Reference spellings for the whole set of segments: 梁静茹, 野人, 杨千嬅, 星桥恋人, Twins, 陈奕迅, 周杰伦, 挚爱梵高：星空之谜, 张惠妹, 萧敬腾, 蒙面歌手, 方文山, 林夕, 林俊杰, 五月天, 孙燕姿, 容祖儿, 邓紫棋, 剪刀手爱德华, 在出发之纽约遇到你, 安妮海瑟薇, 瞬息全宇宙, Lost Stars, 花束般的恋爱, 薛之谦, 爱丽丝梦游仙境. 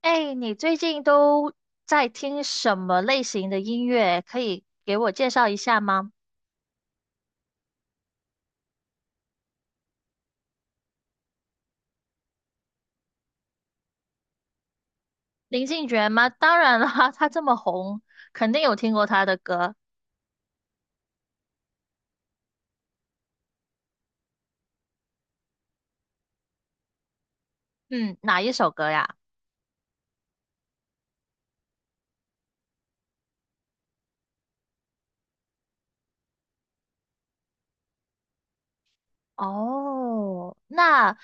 哎，你最近都在听什么类型的音乐？可以给我介绍一下吗？林俊杰吗？当然啦，他这么红，肯定有听过他的歌。嗯，哪一首歌呀？哦，那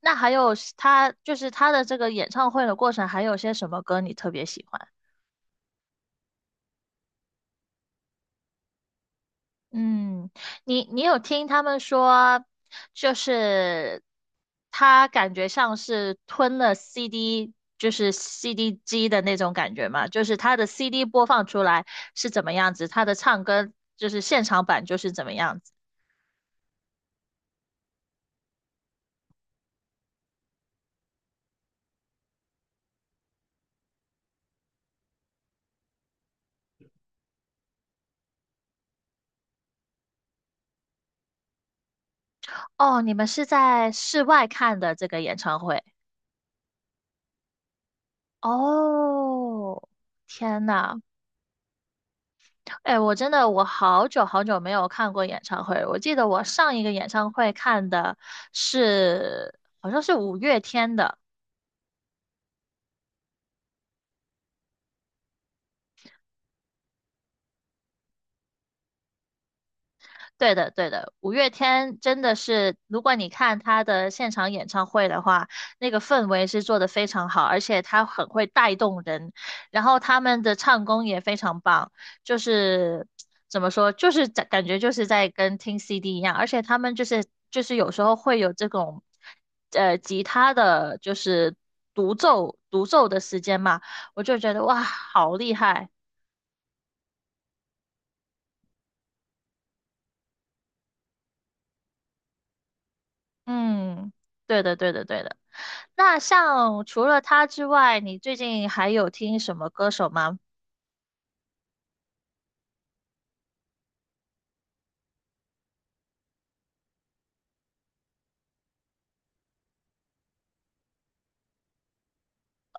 那还有是他就是他的这个演唱会的过程，还有些什么歌你特别喜欢？嗯，你有听他们说，就是他感觉像是吞了 CD，就是 CD 机的那种感觉嘛，就是他的 CD 播放出来是怎么样子，他的唱歌就是现场版就是怎么样子。哦，你们是在室外看的这个演唱会？哦，天呐，哎，我真的好久好久没有看过演唱会了，我记得我上一个演唱会看的是好像是五月天的。对的，对的，五月天真的是，如果你看他的现场演唱会的话，那个氛围是做的非常好，而且他很会带动人，然后他们的唱功也非常棒，就是怎么说，就是感觉就是在跟听 CD 一样，而且他们就是有时候会有这种，吉他的就是独奏的时间嘛，我就觉得哇，好厉害。嗯，对的，对的，对的。那像除了他之外，你最近还有听什么歌手吗？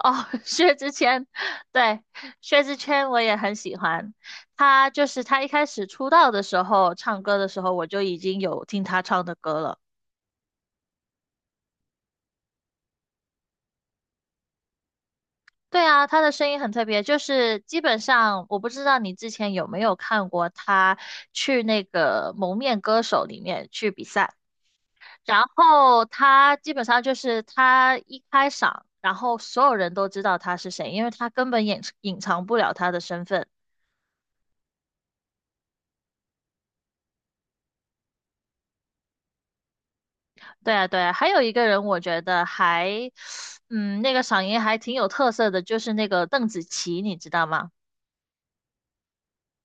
哦，薛之谦，对，薛之谦我也很喜欢。他就是他一开始出道的时候，唱歌的时候我就已经有听他唱的歌了。对啊，他的声音很特别，就是基本上我不知道你之前有没有看过他去那个《蒙面歌手》里面去比赛。然后他基本上就是他一开嗓，然后所有人都知道他是谁，因为他根本掩隐藏不了他的身份。对啊，对啊，还有一个人我觉得还，嗯，那个嗓音还挺有特色的，就是那个邓紫棋，你知道吗？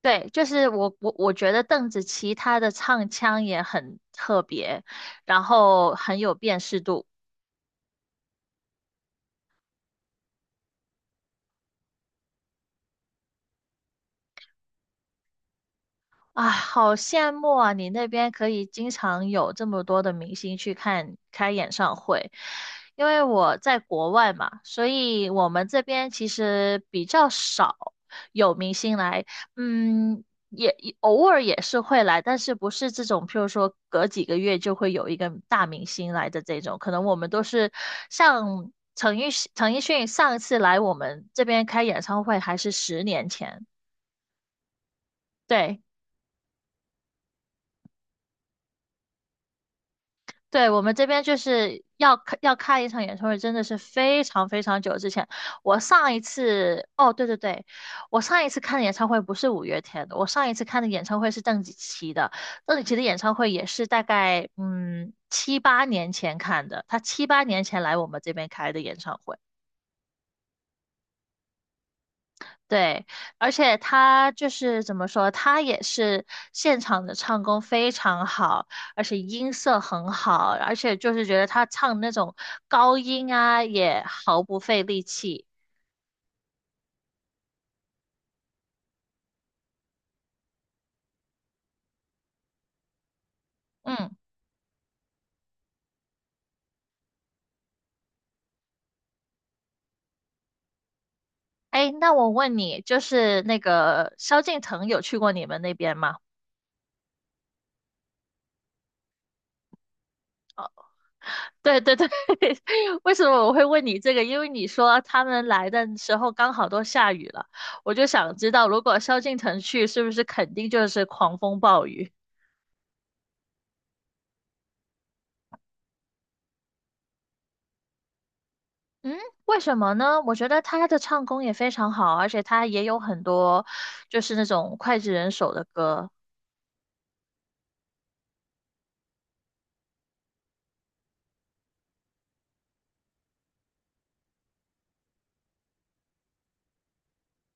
对，就是我觉得邓紫棋她的唱腔也很特别，然后很有辨识度。啊，好羡慕啊！你那边可以经常有这么多的明星去看开演唱会，因为我在国外嘛，所以我们这边其实比较少有明星来，嗯，也偶尔也是会来，但是不是这种，譬如说隔几个月就会有一个大明星来的这种，可能我们都是像陈奕迅，陈奕迅上一次来我们这边开演唱会还是十年前。对。对，我们这边就是要开一场演唱会，真的是非常非常久之前。我上一次，哦，对对对，我上一次看的演唱会不是五月天的，我上一次看的演唱会是邓紫棋的。邓紫棋的演唱会也是大概嗯七八年前看的，她七八年前来我们这边开的演唱会。对，而且他就是怎么说，他也是现场的唱功非常好，而且音色很好，而且就是觉得他唱那种高音啊，也毫不费力气。嗯，哎，那我问你，就是那个萧敬腾有去过你们那边吗？对对对，为什么我会问你这个？因为你说他们来的时候刚好都下雨了，我就想知道，如果萧敬腾去，是不是肯定就是狂风暴雨？嗯，为什么呢？我觉得他的唱功也非常好，而且他也有很多就是那种脍炙人口的歌。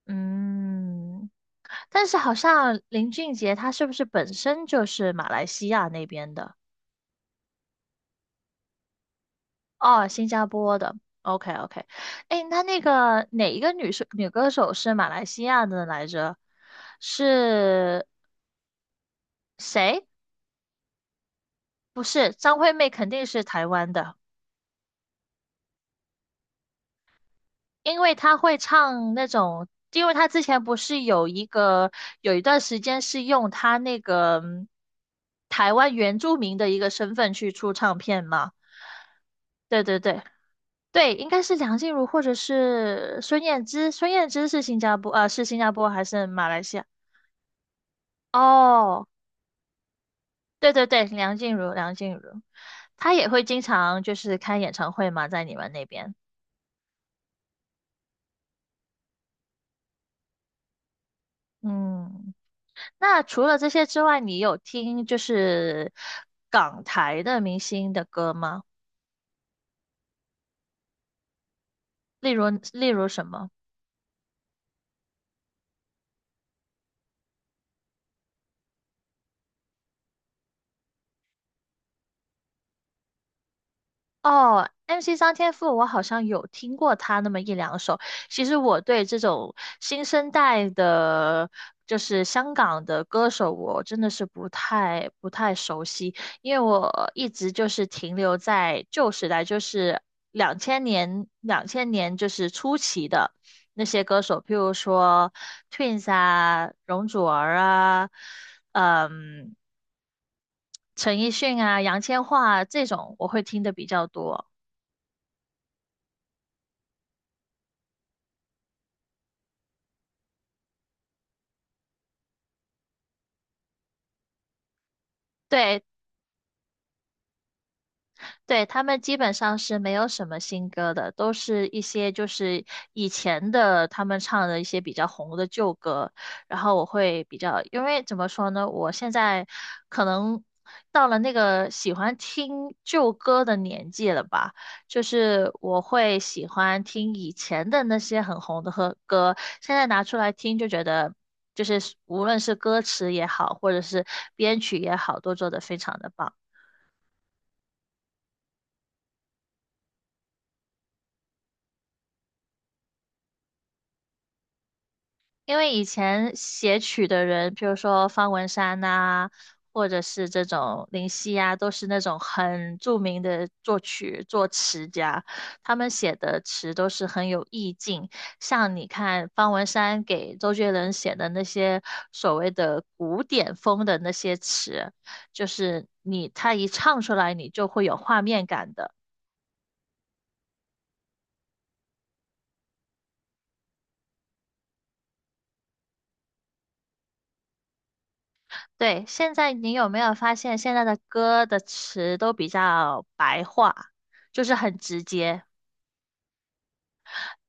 嗯，但是好像林俊杰他是不是本身就是马来西亚那边的？哦，新加坡的。OK OK，哎，那那个哪一个女歌手是马来西亚的来着？是谁？不是，张惠妹肯定是台湾的。因为他会唱那种，因为他之前不是有一个有一段时间是用他那个嗯台湾原住民的一个身份去出唱片嘛？对对对，应该是梁静茹或者是孙燕姿，孙燕姿是新加坡啊，是新加坡还是马来西亚？哦，对对对，梁静茹，她也会经常就是开演唱会嘛，在你们那边，嗯。那除了这些之外，你有听就是港台的明星的歌吗？例如，例如什么？哦，MC 张天赋，我好像有听过他那么一两首。其实我对这种新生代的，就是香港的歌手，我真的是不太熟悉，因为我一直就是停留在旧时代，就是两千年就是初期的那些歌手，譬如说 Twins 啊、容祖儿啊，嗯，陈奕迅啊、杨千嬅啊这种，我会听的比较多。对，对，他们基本上是没有什么新歌的，都是一些就是以前的他们唱的一些比较红的旧歌。然后我会比较，因为怎么说呢，我现在可能到了那个喜欢听旧歌的年纪了吧，就是我会喜欢听以前的那些很红的和歌，现在拿出来听就觉得。就是无论是歌词也好，或者是编曲也好，都做得非常的棒。因为以前写曲的人，比如说方文山呐、或者是这种林夕呀、都是那种很著名的作曲作词家，他们写的词都是很有意境。像你看方文山给周杰伦写的那些所谓的古典风的那些词，就是他一唱出来，你就会有画面感的。对，现在你有没有发现现在的歌的词都比较白话，就是很直接。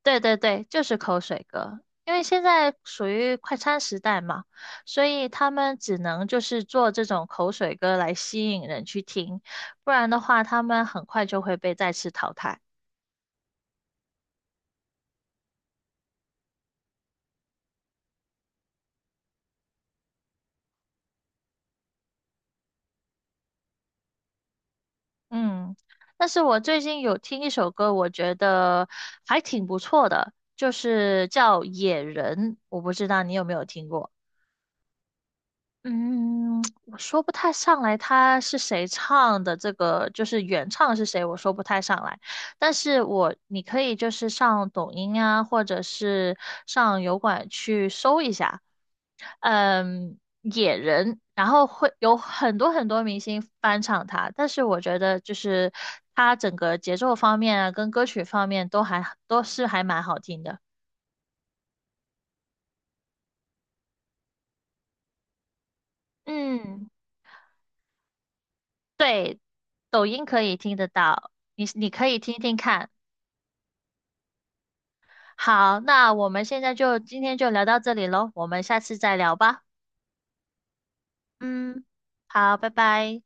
对对对，就是口水歌。因为现在属于快餐时代嘛，所以他们只能就是做这种口水歌来吸引人去听，不然的话他们很快就会被再次淘汰。嗯，但是我最近有听一首歌，我觉得还挺不错的，就是叫《野人》，我不知道你有没有听过。嗯，我说不太上来他是谁唱的，这个就是原唱是谁，我说不太上来。但是你可以就是上抖音啊，或者是上油管去搜一下，嗯，野人，然后会有很多很多明星翻唱他，但是我觉得就是他整个节奏方面啊，跟歌曲方面都还都是还蛮好听的。嗯，对，抖音可以听得到，你可以听听看。好，那我们现在就今天就聊到这里喽，我们下次再聊吧。嗯，好，拜拜。